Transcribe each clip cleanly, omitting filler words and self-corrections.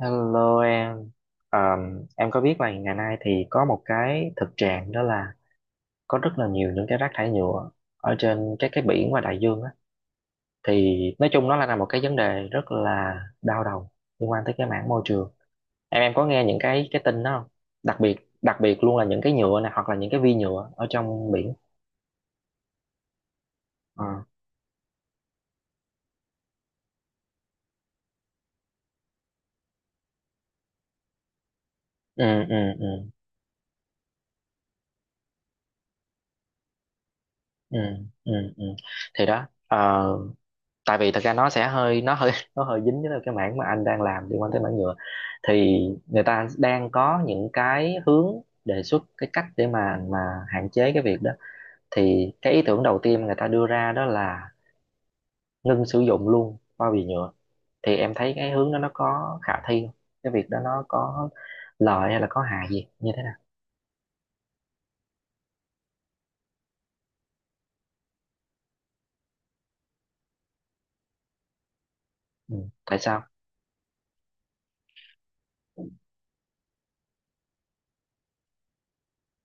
Hello em có biết là ngày nay thì có một cái thực trạng đó là có rất là nhiều những cái rác thải nhựa ở trên các cái biển và đại dương á. Thì nói chung nó là một cái vấn đề rất là đau đầu liên quan tới cái mảng môi trường. Em có nghe những cái tin đó không? Đặc biệt đặc biệt luôn là những cái nhựa này hoặc là những cái vi nhựa ở trong biển. Ờ. Ừ, ừ, ừ, ừ, ừ, ừ. Thì đó, tại vì thật ra nó sẽ hơi nó hơi dính với cái mảng mà anh đang làm liên quan tới mảng nhựa thì người ta đang có những cái hướng đề xuất cái cách để mà hạn chế cái việc đó thì cái ý tưởng đầu tiên người ta đưa ra đó là ngưng sử dụng luôn bao bì nhựa thì em thấy cái hướng đó nó có khả thi không, cái việc đó nó có lợi hay là có hại gì như thế nào. Ừ. Tại sao?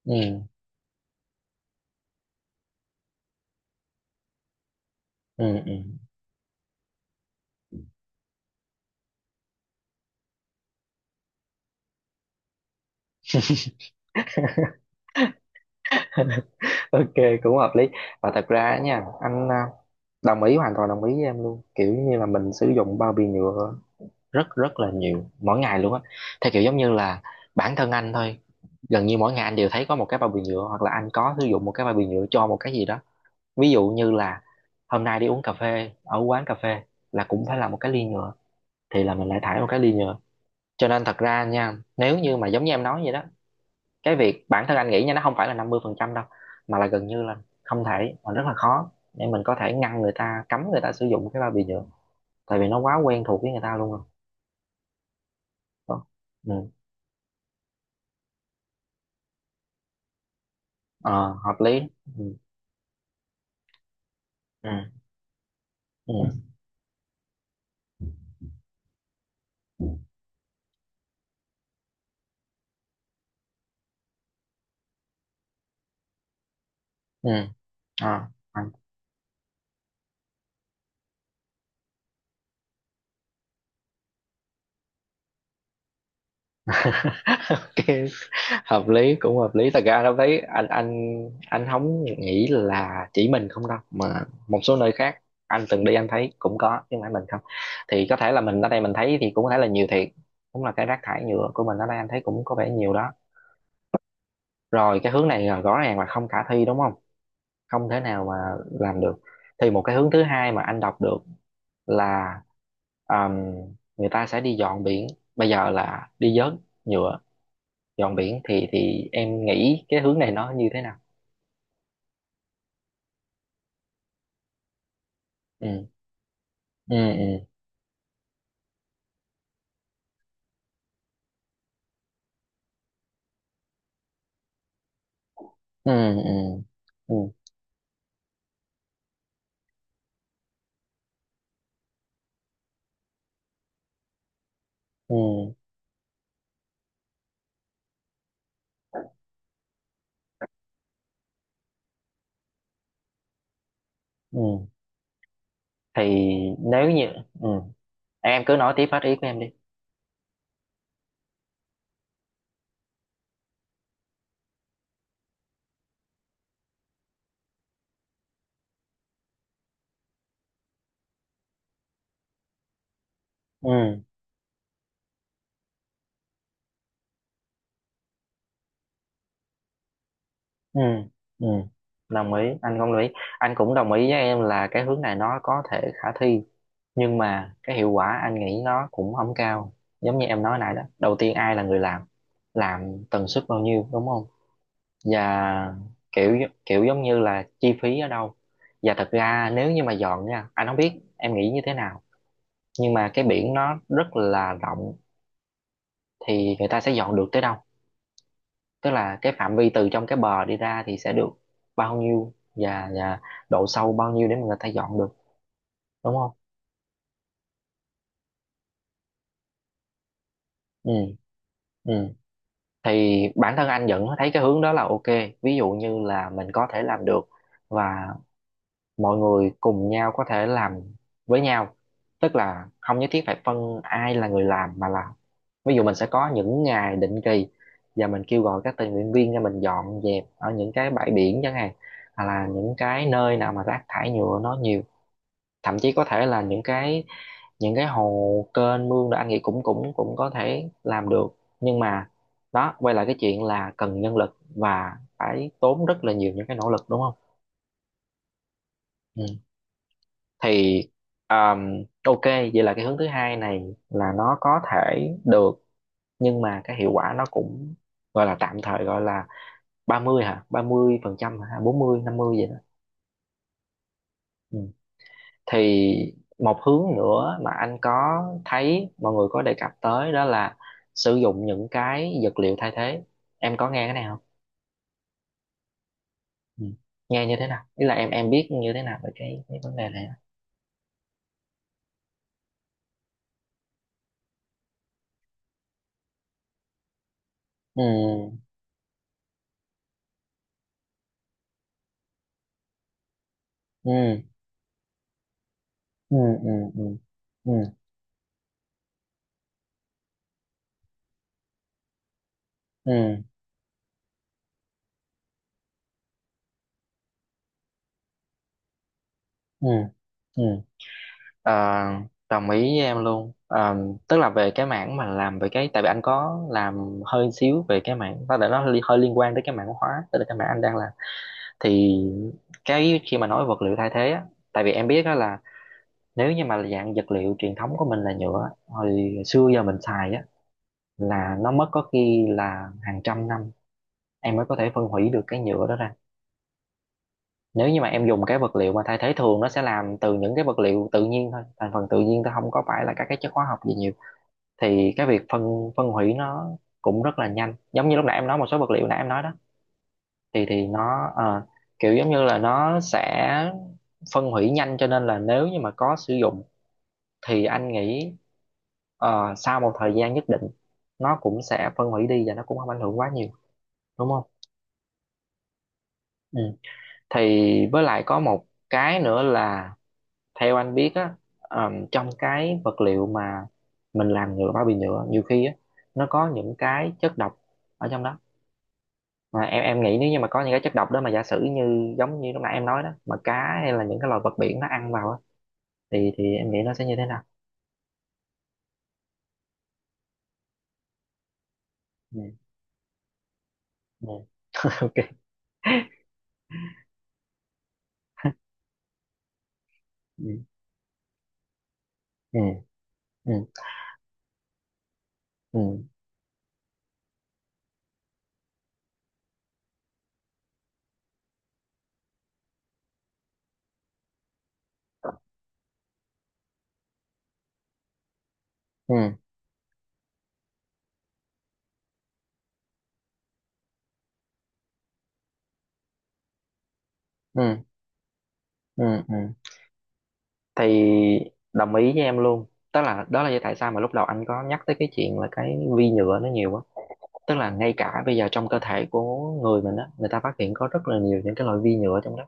Ừ, ừ, ừ. Ok, cũng hợp lý. Và thật ra á nha anh à, đồng ý, hoàn toàn đồng ý với em luôn, kiểu như là mình sử dụng bao bì nhựa rất rất là nhiều mỗi ngày luôn á, theo kiểu giống như là bản thân anh thôi, gần như mỗi ngày anh đều thấy có một cái bao bì nhựa hoặc là anh có sử dụng một cái bao bì nhựa cho một cái gì đó. Ví dụ như là hôm nay đi uống cà phê ở quán cà phê là cũng phải là một cái ly nhựa, thì là mình lại thải một cái ly nhựa. Cho nên thật ra nha, nếu như mà giống như em nói vậy đó, cái việc bản thân anh nghĩ nha, nó không phải là 50% đâu, mà là gần như là không thể, mà rất là khó để mình có thể ngăn người ta, cấm người ta sử dụng cái bao bì nhựa, tại vì nó quá quen thuộc với người ta luôn rồi. Đó. Ừ. Ờ, hợp lý. Ừ. Ừ. Ừ. Ừ. Ờ. Ok, hợp lý, cũng hợp lý. Thật ra lúc thấy anh không nghĩ là chỉ mình không đâu, mà một số nơi khác anh từng đi anh thấy cũng có, chứ không phải mình không. Thì có thể là mình ở đây mình thấy thì cũng có thể là nhiều thiệt, cũng là cái rác thải nhựa của mình ở đây anh thấy cũng có vẻ nhiều đó. Rồi cái hướng này là rõ ràng là không khả thi đúng không, không thể nào mà làm được. Thì một cái hướng thứ hai mà anh đọc được là um, người ta sẽ đi dọn biển, bây giờ là đi vớt nhựa. Dọn biển thì em nghĩ cái hướng này nó như thế nào? Ừ. Ừ, ừ, ừ, ừ, ừ, ừ, ừ. Thì nếu như, ừ, em cứ nói tiếp hết ý của em đi. Ừ, ừ, ừ. Đồng ý, anh cũng đồng ý. Anh cũng đồng ý với em là cái hướng này nó có thể khả thi, nhưng mà cái hiệu quả anh nghĩ nó cũng không cao. Giống như em nói nãy đó, đầu tiên ai là người làm tần suất bao nhiêu đúng không, và kiểu kiểu giống như là chi phí ở đâu. Và thật ra nếu như mà dọn nha, anh không biết em nghĩ như thế nào, nhưng mà cái biển nó rất là rộng, thì người ta sẽ dọn được tới đâu? Tức là cái phạm vi từ trong cái bờ đi ra thì sẽ được bao nhiêu, và độ sâu bao nhiêu để mà người ta dọn được, đúng không? Ừ, ừ. Thì bản thân anh vẫn thấy cái hướng đó là ok, ví dụ như là mình có thể làm được, và mọi người cùng nhau có thể làm với nhau, tức là không nhất thiết phải phân ai là người làm, mà là ví dụ mình sẽ có những ngày định kỳ và mình kêu gọi các tình nguyện viên ra mình dọn dẹp ở những cái bãi biển chẳng hạn, hoặc là những cái nơi nào mà rác thải nhựa nó nhiều, thậm chí có thể là những cái hồ, kênh mương là anh nghĩ cũng cũng cũng có thể làm được. Nhưng mà đó, quay lại cái chuyện là cần nhân lực và phải tốn rất là nhiều những cái nỗ lực, đúng không? Ừ. Thì ok, vậy là cái hướng thứ hai này là nó có thể được, nhưng mà cái hiệu quả nó cũng gọi là tạm thời, gọi là 30 hả, 30% hả, bốn mươi, năm mươi vậy đó. Ừ. Thì một hướng nữa mà anh có thấy mọi người có đề cập tới đó là sử dụng những cái vật liệu thay thế, em có nghe cái này không? Ừ. Nghe như thế nào, ý là em biết như thế nào về cái vấn đề này á? Ừ, ừ, ừ, ừ, ừ, ừ, ừ, ừ, ừ. Ờ, đồng ý với em luôn. Ờ, tức là về cái mảng mà làm về cái, tại vì anh có làm hơi xíu về cái mảng có thể nó hơi liên quan tới cái mảng hóa, tức là cái mảng anh đang làm. Thì cái khi mà nói vật liệu thay thế á, tại vì em biết á là nếu như mà dạng vật liệu truyền thống của mình là nhựa á, hồi xưa giờ mình xài á, là nó mất có khi là hàng trăm năm em mới có thể phân hủy được cái nhựa đó ra. Nếu như mà em dùng cái vật liệu mà thay thế, thường nó sẽ làm từ những cái vật liệu tự nhiên thôi, thành phần tự nhiên thôi, không có phải là các cái chất hóa học gì nhiều, thì cái việc phân phân hủy nó cũng rất là nhanh, giống như lúc nãy em nói một số vật liệu nãy em nói đó, thì kiểu giống như là nó sẽ phân hủy nhanh, cho nên là nếu như mà có sử dụng thì anh nghĩ, ờ, sau một thời gian nhất định nó cũng sẽ phân hủy đi và nó cũng không ảnh hưởng quá nhiều, đúng không? Ừ. Thì với lại có một cái nữa là theo anh biết á, trong cái vật liệu mà mình làm nhựa, bao bì nhựa nhiều khi á, nó có những cái chất độc ở trong đó. Mà em nghĩ nếu như mà có những cái chất độc đó, mà giả sử như giống như lúc nãy em nói đó, mà cá hay là những cái loài vật biển nó ăn vào á, thì em nghĩ nó sẽ như thế nào? Ừ. Ừ. Ok. Ừ. Ừ. Ừ. Ừ. Ừ. Ừ. Ừ. Ừ. Thì đồng ý với em luôn. Tức là đó là lý do tại sao mà lúc đầu anh có nhắc tới cái chuyện là cái vi nhựa nó nhiều quá. Tức là ngay cả bây giờ trong cơ thể của người mình á, người ta phát hiện có rất là nhiều những cái loại vi nhựa trong đó,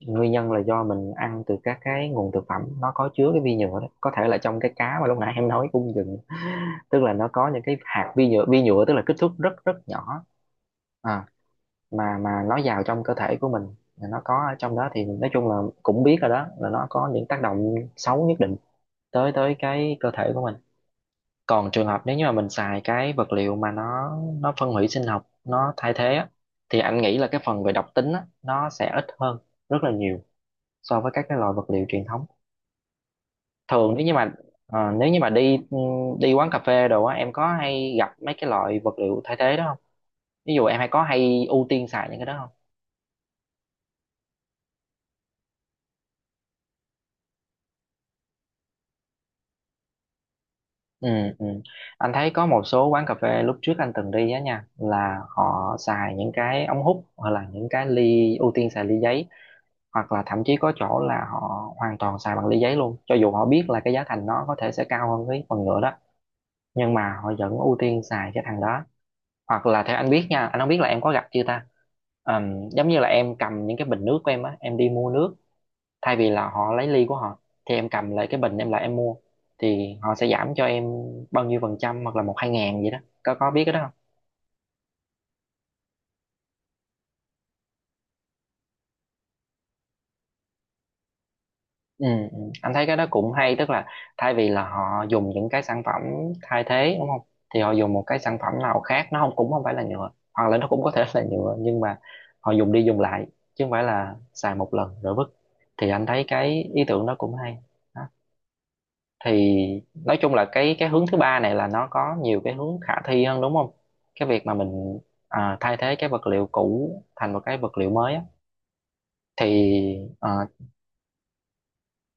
nguyên nhân là do mình ăn từ các cái nguồn thực phẩm nó có chứa cái vi nhựa đó, có thể là trong cái cá mà lúc nãy em nói cung dừng. Tức là nó có những cái hạt vi nhựa, vi nhựa tức là kích thước rất rất nhỏ, à, mà nó vào trong cơ thể của mình, nó có ở trong đó, thì nói chung là cũng biết rồi đó, là nó có những tác động xấu nhất định tới tới cái cơ thể của mình. Còn trường hợp nếu như mà mình xài cái vật liệu mà nó phân hủy sinh học, nó thay thế á, thì anh nghĩ là cái phần về độc tính á, nó sẽ ít hơn rất là nhiều so với các cái loại vật liệu truyền thống thường. Nếu như mà, ờ, nếu như mà đi, đi quán cà phê đồ á, em có hay gặp mấy cái loại vật liệu thay thế đó không? Ví dụ em hay, có hay ưu tiên xài những cái đó không? Ừ, ừ. Anh thấy có một số quán cà phê lúc trước anh từng đi á nha, là họ xài những cái ống hút hoặc là những cái ly, ưu tiên xài ly giấy, hoặc là thậm chí có chỗ là họ hoàn toàn xài bằng ly giấy luôn, cho dù họ biết là cái giá thành nó có thể sẽ cao hơn cái phần nhựa đó, nhưng mà họ vẫn ưu tiên xài cái thằng đó. Hoặc là theo anh biết nha, anh không biết là em có gặp chưa ta, giống như là em cầm những cái bình nước của em á, em đi mua nước, thay vì là họ lấy ly của họ, thì em cầm lại cái bình em lại em mua, thì họ sẽ giảm cho em bao nhiêu phần trăm hoặc là một hai ngàn gì đó, có biết cái đó? Ừ, ừ. Anh thấy cái đó cũng hay, tức là thay vì là họ dùng những cái sản phẩm thay thế, đúng không, thì họ dùng một cái sản phẩm nào khác, nó không, cũng không phải là nhựa, hoặc là nó cũng có thể là nhựa, nhưng mà họ dùng đi dùng lại, chứ không phải là xài một lần rồi vứt, thì anh thấy cái ý tưởng đó cũng hay. Đó. Thì nói chung là cái hướng thứ ba này là nó có nhiều cái hướng khả thi hơn, đúng không, cái việc mà mình, à, thay thế cái vật liệu cũ thành một cái vật liệu mới á, thì ờ,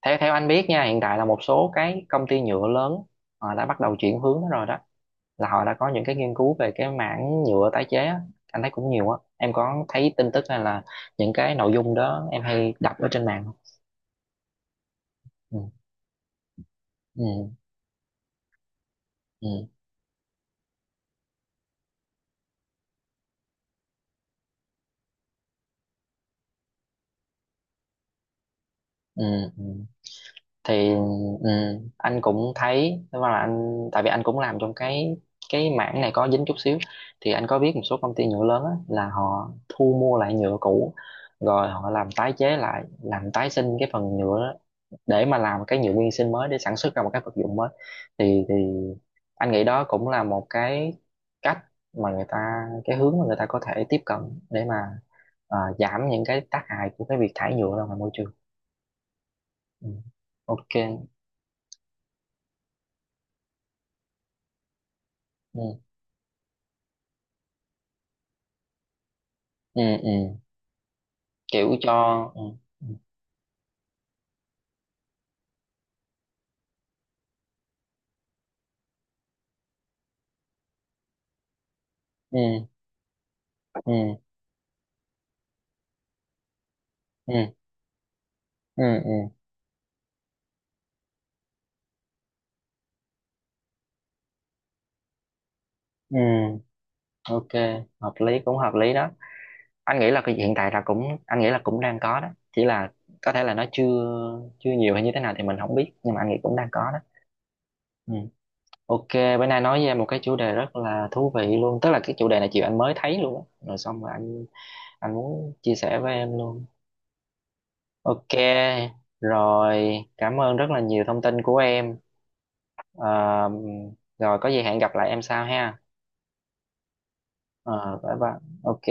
theo theo anh biết nha, hiện tại là một số cái công ty nhựa lớn họ đã bắt đầu chuyển hướng đó rồi đó, là họ đã có những cái nghiên cứu về cái mảng nhựa tái chế á. Anh thấy cũng nhiều á, em có thấy tin tức hay là những cái nội dung đó em hay đọc ở trên mạng không? Ừ, ừ, ừ, ừ, ừ. Thì ừ, anh cũng thấy, tức là anh, tại vì anh cũng làm trong cái mảng này có dính chút xíu, thì anh có biết một số công ty nhựa lớn á, là họ thu mua lại nhựa cũ rồi họ làm tái chế lại, làm tái sinh cái phần nhựa để mà làm cái nhựa nguyên sinh mới để sản xuất ra một cái vật dụng mới. Thì anh nghĩ đó cũng là một cái cách mà người ta, cái hướng mà người ta có thể tiếp cận để mà, ờ, giảm những cái tác hại của cái việc thải nhựa ra ngoài môi trường. Ừ. Ok. Ừ. Ừ, ừ, kiểu cho, ừ. Ừ. Ừ. Ừ. Ừ. Ừ. Ừ. Ừ. Ok, hợp lý, cũng hợp lý đó. Anh nghĩ là cái hiện tại là cũng, anh nghĩ là cũng đang có đó, chỉ là có thể là nó chưa, chưa nhiều hay như thế nào thì mình không biết, nhưng mà anh nghĩ cũng đang có đó. Ừ. Ok. Bữa nay nói với em một cái chủ đề rất là thú vị luôn, tức là cái chủ đề này chiều anh mới thấy luôn á. Rồi xong rồi anh muốn chia sẻ với em luôn. Ok. Rồi cảm ơn rất là nhiều thông tin của em. Ờ, rồi có gì hẹn gặp lại em sau ha. Ờ, bye bye. Ok.